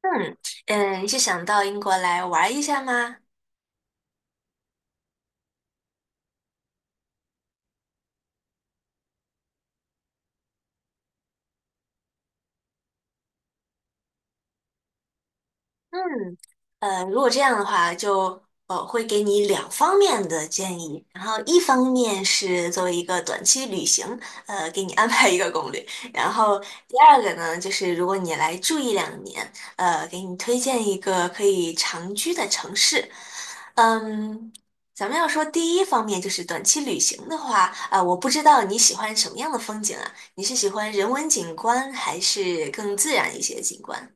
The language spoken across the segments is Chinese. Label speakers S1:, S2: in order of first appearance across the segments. S1: 嗯嗯，是想到英国来玩一下吗？嗯，如果这样的话，就会给你两方面的建议，然后一方面是作为一个短期旅行，给你安排一个攻略，然后第二个呢，就是如果你来住一两年，给你推荐一个可以长居的城市。嗯，咱们要说第一方面就是短期旅行的话，啊、我不知道你喜欢什么样的风景啊？你是喜欢人文景观还是更自然一些的景观？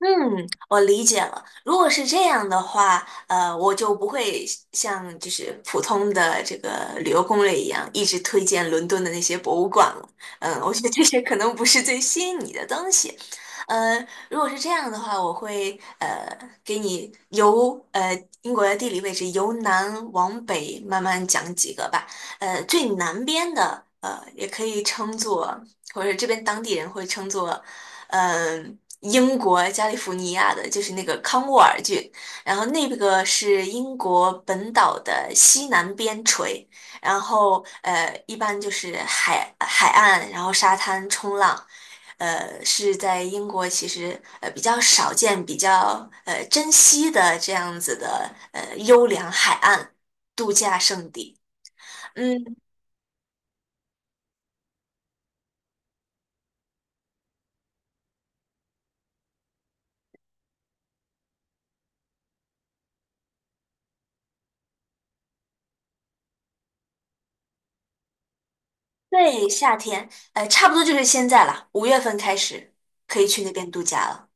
S1: 嗯，我理解了。如果是这样的话，我就不会像就是普通的这个旅游攻略一样，一直推荐伦敦的那些博物馆了。嗯，我觉得这些可能不是最吸引你的东西。呃，如果是这样的话，我会给你由英国的地理位置由南往北慢慢讲几个吧。最南边的也可以称作，或者这边当地人会称作。呃英国加利福尼亚的，就是那个康沃尔郡，然后那个是英国本岛的西南边陲，然后一般就是海岸，然后沙滩冲浪，是在英国其实比较少见、比较珍惜的这样子的优良海岸度假胜地。嗯，对，夏天，差不多就是现在了，5月份开始可以去那边度假了。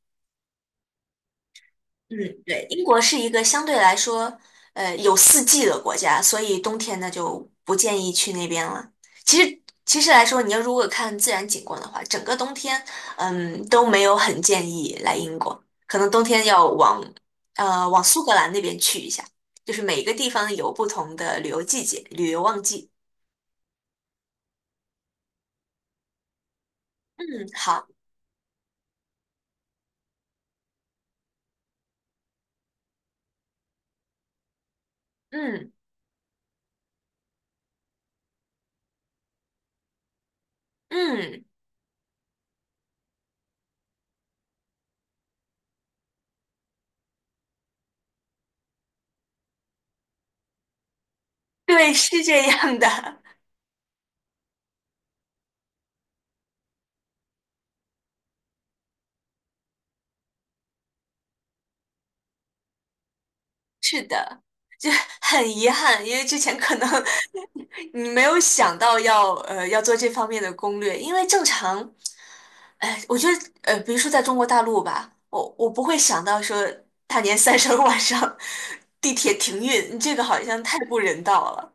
S1: 嗯，对，英国是一个相对来说，有四季的国家，所以冬天呢就不建议去那边了。其实来说，你要如果看自然景观的话，整个冬天，嗯，都没有很建议来英国，可能冬天要往苏格兰那边去一下，就是每个地方有不同的旅游季节、旅游旺季。嗯，好，嗯嗯，对，是这样的。是的，就很遗憾，因为之前可能 你没有想到要做这方面的攻略，因为正常，哎，我觉得比如说在中国大陆吧，我不会想到说大年三十儿晚上地铁停运，这个好像太不人道了。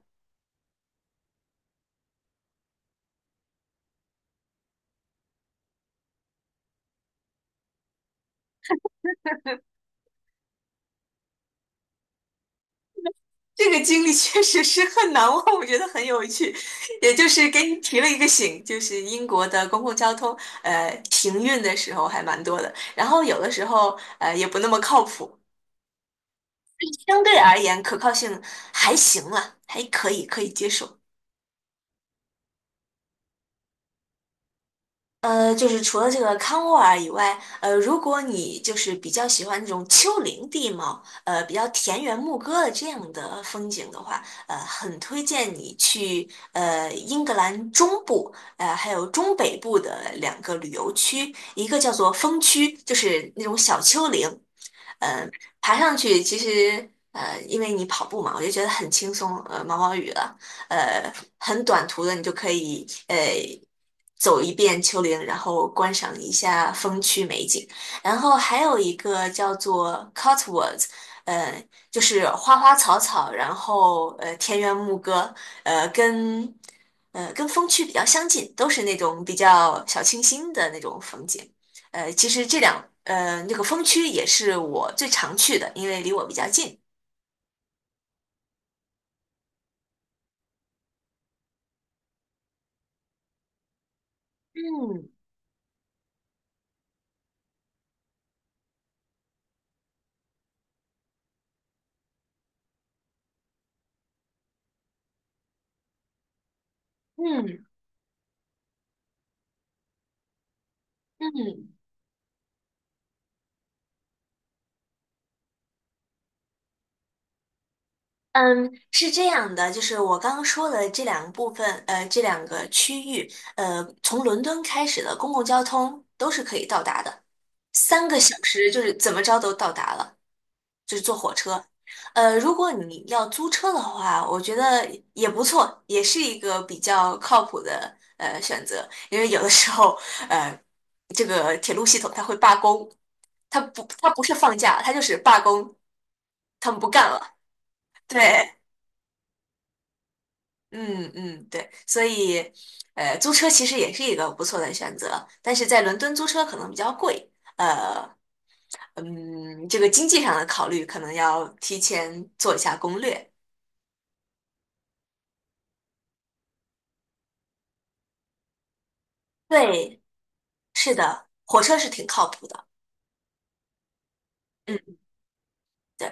S1: 这个经历确实是很难忘，我觉得很有趣，也就是给你提了一个醒，就是英国的公共交通停运的时候还蛮多的。然后有的时候也不那么靠谱，相对而言可靠性还行了，还可以，可以接受。就是除了这个康沃尔以外，如果你就是比较喜欢这种丘陵地貌，比较田园牧歌的这样的风景的话，很推荐你去英格兰中部，还有中北部的两个旅游区，一个叫做风区，就是那种小丘陵，嗯，爬上去其实因为你跑步嘛，我就觉得很轻松，毛毛雨了，呃，很短途的你就可以走一遍丘陵，然后观赏一下风区美景。然后还有一个叫做 Cotwoods，呃，就是花花草草，然后田园牧歌，呃跟跟风区比较相近，都是那种比较小清新的那种风景。其实这两那个风区也是我最常去的，因为离我比较近。嗯嗯嗯，嗯，是这样的，就是我刚刚说的这两个部分，这两个区域，从伦敦开始的公共交通都是可以到达的，3个小时就是怎么着都到达了，就是坐火车。如果你要租车的话，我觉得也不错，也是一个比较靠谱的选择，因为有的时候，呃，这个铁路系统它会罢工，它不是放假，它就是罢工，他们不干了。对，嗯嗯，对，所以，租车其实也是一个不错的选择，但是在伦敦租车可能比较贵，嗯，这个经济上的考虑可能要提前做一下攻略。对，是的，火车是挺靠谱的。嗯。对，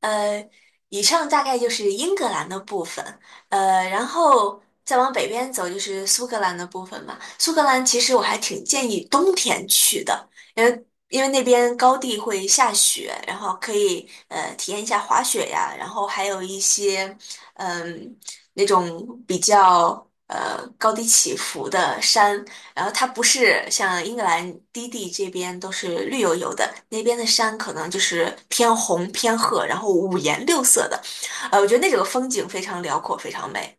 S1: 呃，以上大概就是英格兰的部分，然后再往北边走就是苏格兰的部分嘛。苏格兰其实我还挺建议冬天去的，因为那边高地会下雪，然后可以体验一下滑雪呀，然后还有一些嗯、那种比较高低起伏的山，然后它不是像英格兰低地这边都是绿油油的，那边的山可能就是偏红偏褐，然后五颜六色的，我觉得那整个风景非常辽阔，非常美。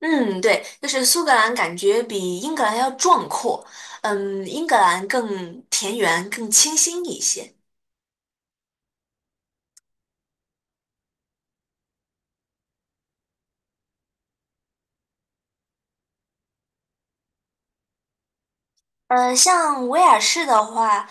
S1: 嗯，对，就是苏格兰感觉比英格兰要壮阔，嗯，英格兰更田园，更清新一些。像威尔士的话，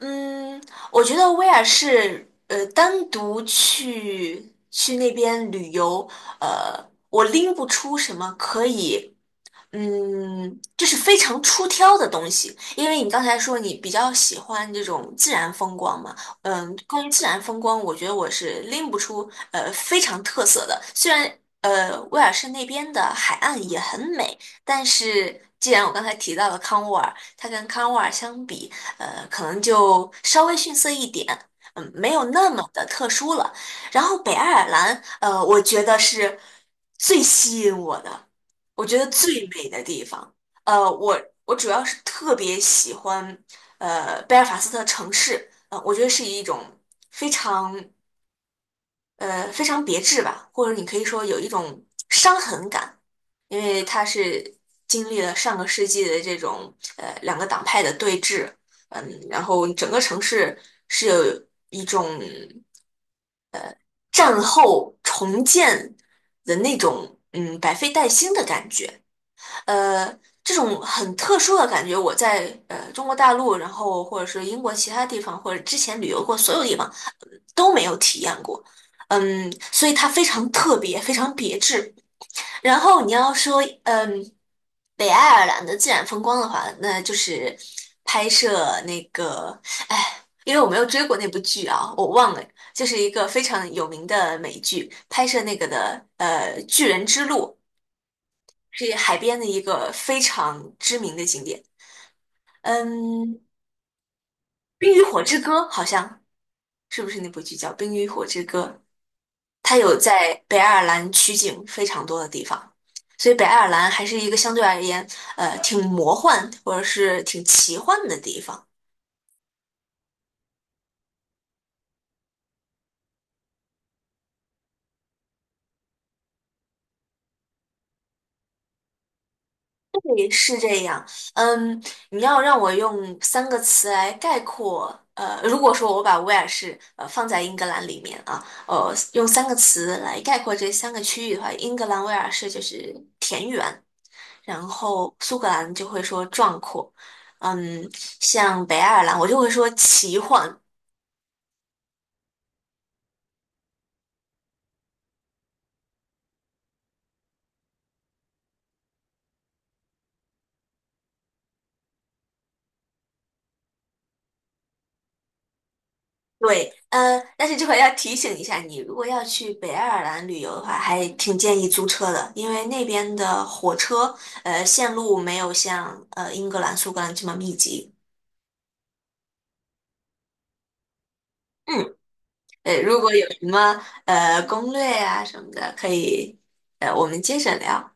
S1: 嗯，我觉得威尔士，单独去那边旅游，我拎不出什么可以。嗯，这是非常出挑的东西，因为你刚才说你比较喜欢这种自然风光嘛，嗯，关于自然风光，我觉得我是拎不出非常特色的，虽然威尔士那边的海岸也很美，但是既然我刚才提到了康沃尔，它跟康沃尔相比，可能就稍微逊色一点，嗯，没有那么的特殊了。然后北爱尔兰，我觉得是最吸引我的。我觉得最美的地方，我主要是特别喜欢，贝尔法斯特城市，我觉得是一种非常非常别致吧，或者你可以说有一种伤痕感，因为它是经历了上个世纪的这种两个党派的对峙，嗯，然后整个城市是有一种战后重建的那种嗯百废待兴的感觉。呃，这种很特殊的感觉，我在中国大陆，然后或者是英国其他地方，或者之前旅游过所有地方呃都没有体验过。嗯，所以它非常特别，非常别致。然后你要说，嗯，北爱尔兰的自然风光的话，那就是拍摄那个，哎，因为我没有追过那部剧啊，我忘了，就是一个非常有名的美剧，拍摄那个的，《巨人之路》。是海边的一个非常知名的景点。嗯，《冰与火之歌》好像是不是那部剧叫《冰与火之歌》？它有在北爱尔兰取景非常多的地方，所以北爱尔兰还是一个相对而言，挺魔幻或者是挺奇幻的地方。对，是这样。嗯，你要让我用三个词来概括，如果说我把威尔士放在英格兰里面啊，用三个词来概括这三个区域的话，英格兰威尔士就是田园，然后苏格兰就会说壮阔，嗯，像北爱尔兰我就会说奇幻，对，但是这块要提醒一下你，如果要去北爱尔兰旅游的话，还挺建议租车的，因为那边的火车，线路没有像英格兰、苏格兰这么密集。嗯，如果有什么攻略啊什么的，可以，我们接着聊。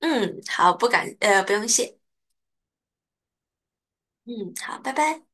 S1: 嗯，好，不敢，不用谢。嗯，好，拜拜。